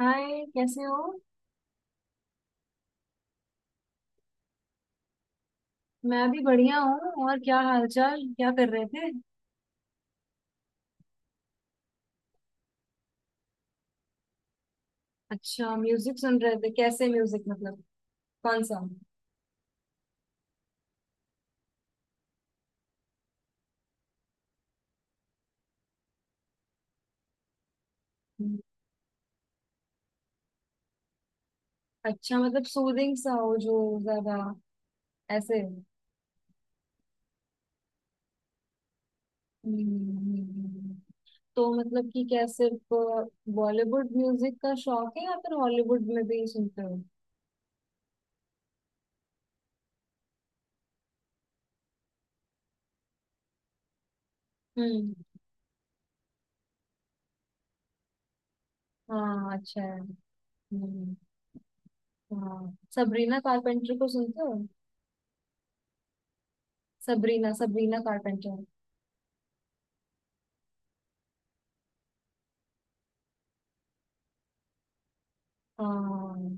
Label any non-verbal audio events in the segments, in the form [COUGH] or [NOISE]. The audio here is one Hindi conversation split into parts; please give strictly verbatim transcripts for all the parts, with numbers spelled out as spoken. हाय, कैसे हो। मैं भी बढ़िया हूँ। और क्या हालचाल, क्या कर रहे थे। अच्छा, म्यूजिक सुन रहे थे। कैसे म्यूजिक, मतलब कौन सा। हम्म। अच्छा, मतलब सूदिंग सा हो, जो ज्यादा ऐसे। हम्म। तो मतलब कि क्या सिर्फ बॉलीवुड म्यूजिक का शौक है या फिर हॉलीवुड में भी सुनते हो। हम्म। हाँ अच्छा है। हम्म। हाँ, सबरीना कारपेंटर को सुनते हो। Sabrina Sabrina Carpenter. हाँ।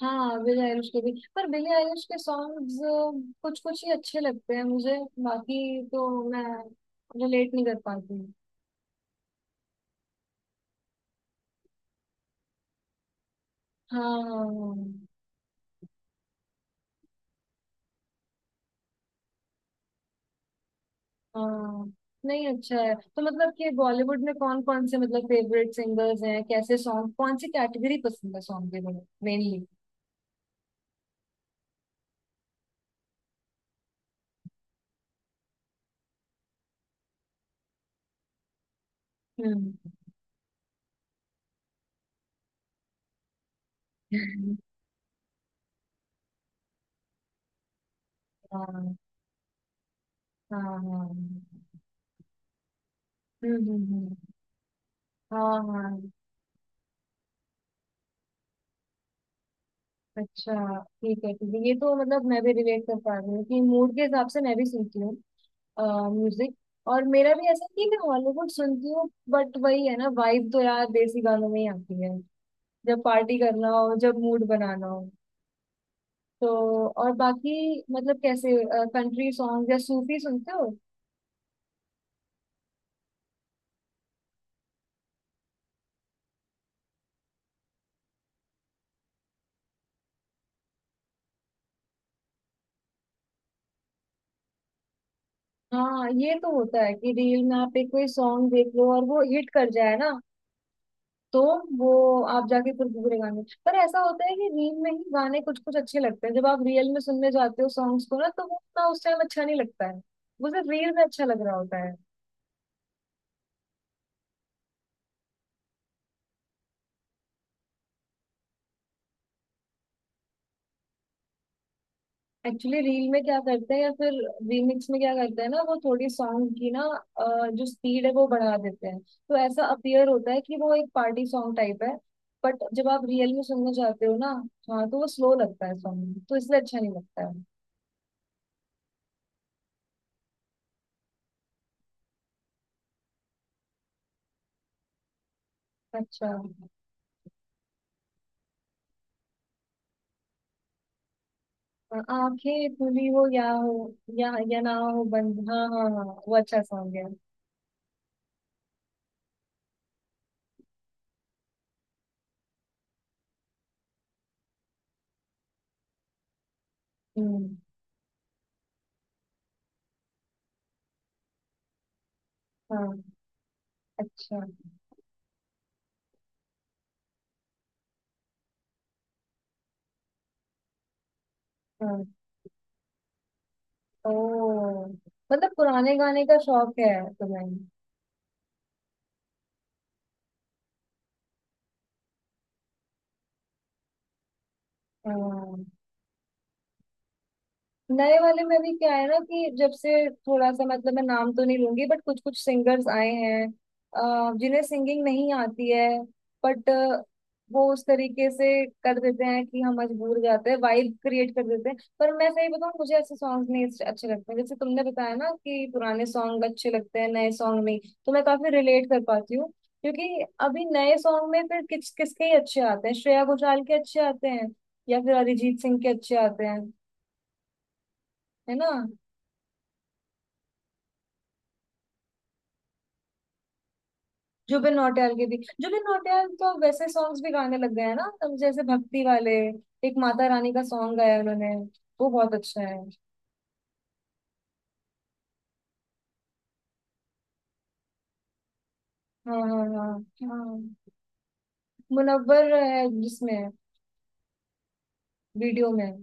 हाँ बिली आइलिश के भी, पर बिली आइलिश के सॉन्ग्स कुछ कुछ ही अच्छे लगते हैं मुझे। बाकी तो मैं रिलेट नहीं कर पाती हूँ। हाँ हाँ हाँ। हाँ। नहीं अच्छा है। तो मतलब कि बॉलीवुड में कौन कौन से मतलब फेवरेट सिंगर्स हैं, कैसे सॉन्ग, कौन सी कैटेगरी पसंद है सॉन्ग के लिए मेनली। हम्म। [LAUGHS] हाँ। हाँ हाँ। हम्म हम्म। हम्म, हाँ हाँ। अच्छा, ठीक है ठीक है। ये तो मतलब मैं भी रिलेट कर पा रही हूँ कि मूड के हिसाब से मैं भी सुनती हूँ म्यूजिक। और मेरा भी ऐसा नहीं है, मैं हॉलीवुड सुनती हूँ, बट वही है ना, वाइब तो यार देसी गानों में ही आती है। जब पार्टी करना हो, जब मूड बनाना हो, तो। और बाकी मतलब कैसे कंट्री सॉन्ग या सूफी सुनते हो। हाँ, ये तो होता है कि रील में आप एक कोई सॉन्ग देख लो और वो हिट कर जाए ना, तो वो आप जाके फिर पूरे गाने पर, ऐसा होता है कि रील में ही गाने कुछ कुछ अच्छे लगते हैं, जब आप रियल में सुनने जाते हो सॉन्ग्स को ना, तो वो उतना उस टाइम अच्छा नहीं लगता है। वो सिर्फ रील में अच्छा लग रहा होता है। एक्चुअली रील में क्या करते हैं या फिर रीमिक्स में क्या करते हैं ना, वो थोड़ी सॉन्ग की ना, अ, जो स्पीड है वो बढ़ा देते हैं, तो ऐसा अपियर होता है कि वो एक पार्टी सॉन्ग टाइप है। बट जब आप रियल में सुनने जाते हो ना, हाँ, तो वो स्लो लगता है सॉन्ग, तो इसलिए अच्छा नहीं लगता है। अच्छा, आंखें खुली हो या हो, या या ना हो बंद। हाँ हाँ हाँ, वो अच्छा सॉन्ग है। हम्म। हाँ अच्छा। हाँ। ओ, मतलब पुराने गाने का शौक है तुम्हें। हाँ। नए वाले में भी क्या है ना कि जब से थोड़ा सा मतलब, मैं नाम तो नहीं लूंगी, बट कुछ कुछ सिंगर्स आए हैं, अ, जिन्हें सिंगिंग नहीं आती है। बट वो उस तरीके से कर देते हैं कि हम मजबूर हो जाते हैं, वाइब क्रिएट कर देते हैं, पर मैं सही बताऊं, मुझे ऐसे सॉन्ग नहीं अच्छे अच्छे लगते हैं। जैसे तुमने बताया ना कि पुराने सॉन्ग अच्छे लगते हैं नए सॉन्ग नहीं, तो मैं काफी रिलेट कर पाती हूँ। क्योंकि अभी नए सॉन्ग में फिर किस किसके ही अच्छे आते हैं, श्रेया घोषाल के अच्छे आते हैं या फिर अरिजीत सिंह के अच्छे आते हैं, है ना। जुबिन नौटियाल के भी। जुबिन नौटियाल तो अब वैसे सॉन्ग्स भी गाने लग गए हैं ना, तो जैसे भक्ति वाले एक माता रानी का सॉन्ग गाया उन्होंने, वो बहुत अच्छा है। हाँ हाँ हाँ। हाँ, मुनव्वर है जिसमें, वीडियो में।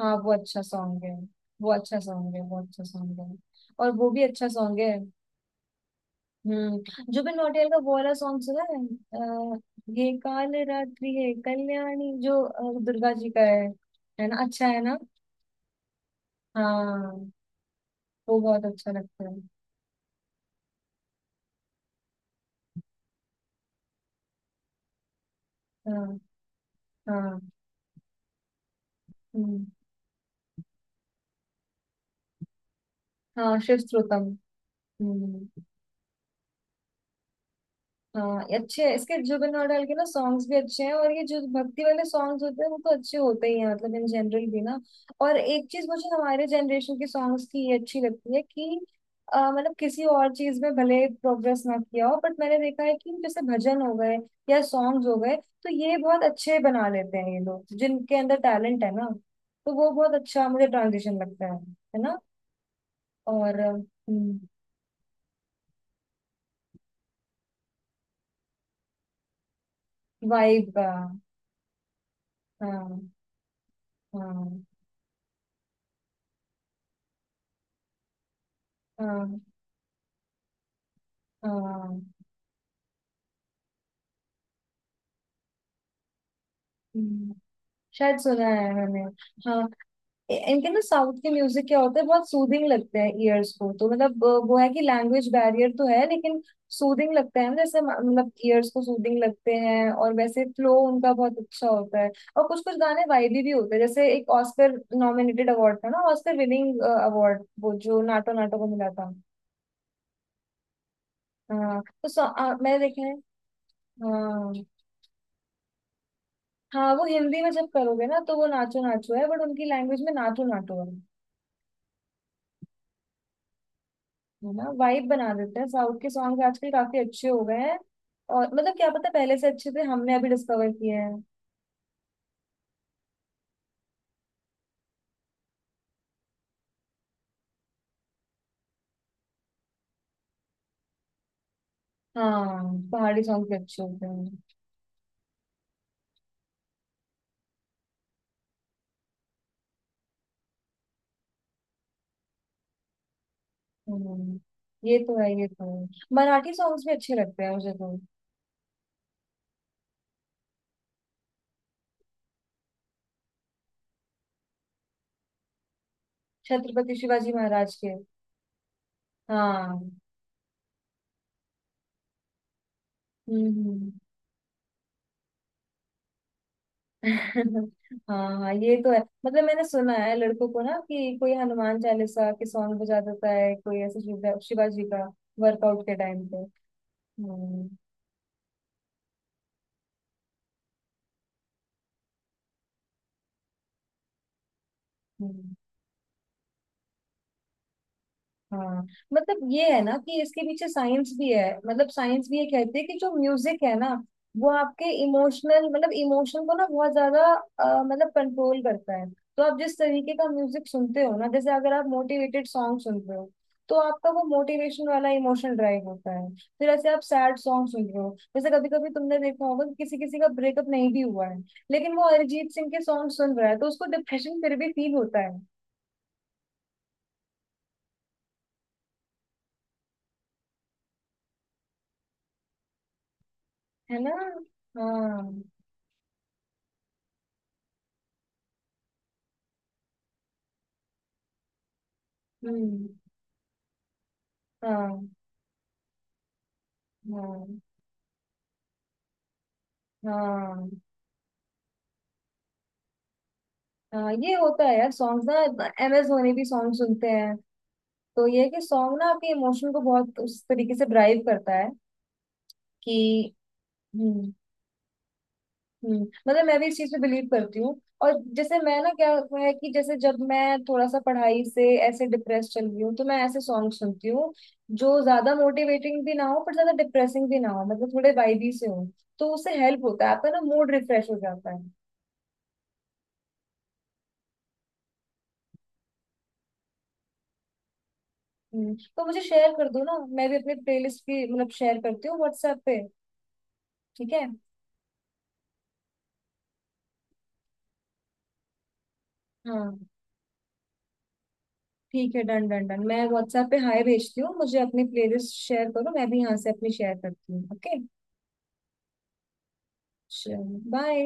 हाँ वो अच्छा सॉन्ग है। वो अच्छा सॉन्ग है। वो अच्छा सॉन्ग है और वो भी अच्छा सॉन्ग है। हम्म। जुबिन नौटियाल का वो वाला सॉन्ग सुना है, अ, ये काल रात्रि है कल्याणी, जो अ, दुर्गा जी का है। है ना, अच्छा है ना। हाँ वो बहुत अच्छा लगता है। हाँ हाँ। हम्म, हाँ शिव श्रुतम। हम्म। हाँ ये अच्छे हैं। इसके जुबिन नौटियाल के ना सॉन्ग्स भी अच्छे हैं, और ये जो भक्ति वाले सॉन्ग्स होते हैं वो तो अच्छे होते ही हैं, मतलब इन जनरल भी ना। और एक चीज मुझे हमारे जनरेशन के सॉन्ग्स की ये अच्छी लगती है कि अ, मतलब किसी और चीज में भले प्रोग्रेस ना किया हो, बट मैंने देखा है कि जैसे भजन हो गए या सॉन्ग्स हो गए, तो ये बहुत अच्छे बना लेते हैं ये लोग जिनके अंदर टैलेंट है ना, तो वो बहुत अच्छा मुझे ट्रांजिशन लगता है है ना। और हम्म। वाइब, हाँ। हाँ हाँ हाँ। हम्म, शायद सुना है मैंने। हाँ। इ- इनके ना साउथ के म्यूजिक क्या होता है, बहुत सूदिंग लगते हैं ईयर्स को, तो मतलब अ, वो है कि लैंग्वेज बैरियर तो है, लेकिन सूदिंग लगता है ना, जैसे म- मतलब ईयर्स को सूदिंग लगते हैं, और वैसे फ्लो उनका बहुत अच्छा होता है। और कुछ कुछ गाने वाइबी भी होते हैं, जैसे एक ऑस्कर नॉमिनेटेड अवार्ड था ना, ऑस्कर विनिंग अवार्ड, वो जो नाटो नाटो को मिला था। हाँ तो सो- अ, मैंने देखा है। हाँ हाँ, वो हिंदी में जब करोगे ना तो वो नाचो नाचो है, बट उनकी लैंग्वेज में नाटू नाटू है। है ना, वाइब बना देते हैं। साउथ के सॉन्ग आजकल काफी अच्छे हो गए हैं, और मतलब क्या पता पहले से अच्छे थे, हमने अभी डिस्कवर किए हैं। हाँ पहाड़ी सॉन्ग भी अच्छे होते हैं। हम्म, ये तो है ये तो है। मराठी सॉन्ग्स भी अच्छे लगते हैं मुझे तो। छत्रपति शिवाजी महाराज के। हाँ हम्म। हम्म। हाँ हाँ, ये तो है। मतलब मैंने सुना है लड़कों को ना कि कोई हनुमान चालीसा के सॉन्ग बजा देता है, कोई ऐसे शिवा शिवाजी का, वर्कआउट के टाइम पे। हम्म। हम्म। हाँ, मतलब ये है ना कि इसके पीछे साइंस भी है, मतलब साइंस भी ये कहती है कि जो म्यूजिक है ना, वो आपके इमोशनल मतलब इमोशन को ना बहुत ज्यादा अ, मतलब कंट्रोल करता है। तो आप जिस तरीके का म्यूजिक सुनते हो ना, जैसे अगर आप मोटिवेटेड सॉन्ग सुनते हो, तो आपका वो मोटिवेशन वाला इमोशन ड्राइव होता है। फिर ऐसे आप सैड सॉन्ग सुन रहे हो, जैसे कभी कभी तुमने देखा होगा कि किसी किसी का ब्रेकअप नहीं भी हुआ है, लेकिन वो अरिजीत सिंह के सॉन्ग सुन रहा है, तो उसको डिप्रेशन फिर भी फील होता है। है ना। हाँ हम्म। हाँ हाँ हाँ। हाँ ये होता है यार, सॉन्ग्स ना। एम एस धोनी भी सॉन्ग सुनते हैं, तो ये है कि सॉन्ग ना आपके इमोशन को बहुत उस तरीके से ड्राइव करता है कि। हम्म हम्म, मतलब मैं भी इस चीज पे बिलीव करती हूँ। और जैसे मैं ना, क्या हुआ है कि जैसे जब मैं थोड़ा सा पढ़ाई से ऐसे डिप्रेस चल रही हूँ, तो मैं ऐसे सॉन्ग सुनती हूँ जो ज्यादा मोटिवेटिंग भी ना हो पर ज्यादा डिप्रेसिंग भी ना हो, मतलब थोड़े वाइबी से हो। तो उससे हेल्प होता है, आपका ना मूड रिफ्रेश हो जाता है। हम्म, तो मुझे शेयर कर दो ना, मैं भी अपनी प्लेलिस्ट की मतलब शेयर करती हूँ व्हाट्सएप पे। ठीक है। हाँ। ठीक है, डन डन डन। मैं व्हाट्सएप पे हाय भेजती हूँ, मुझे अपनी प्लेलिस्ट शेयर करो, मैं भी यहाँ से अपनी शेयर करती हूँ। ओके, चलो, बाय।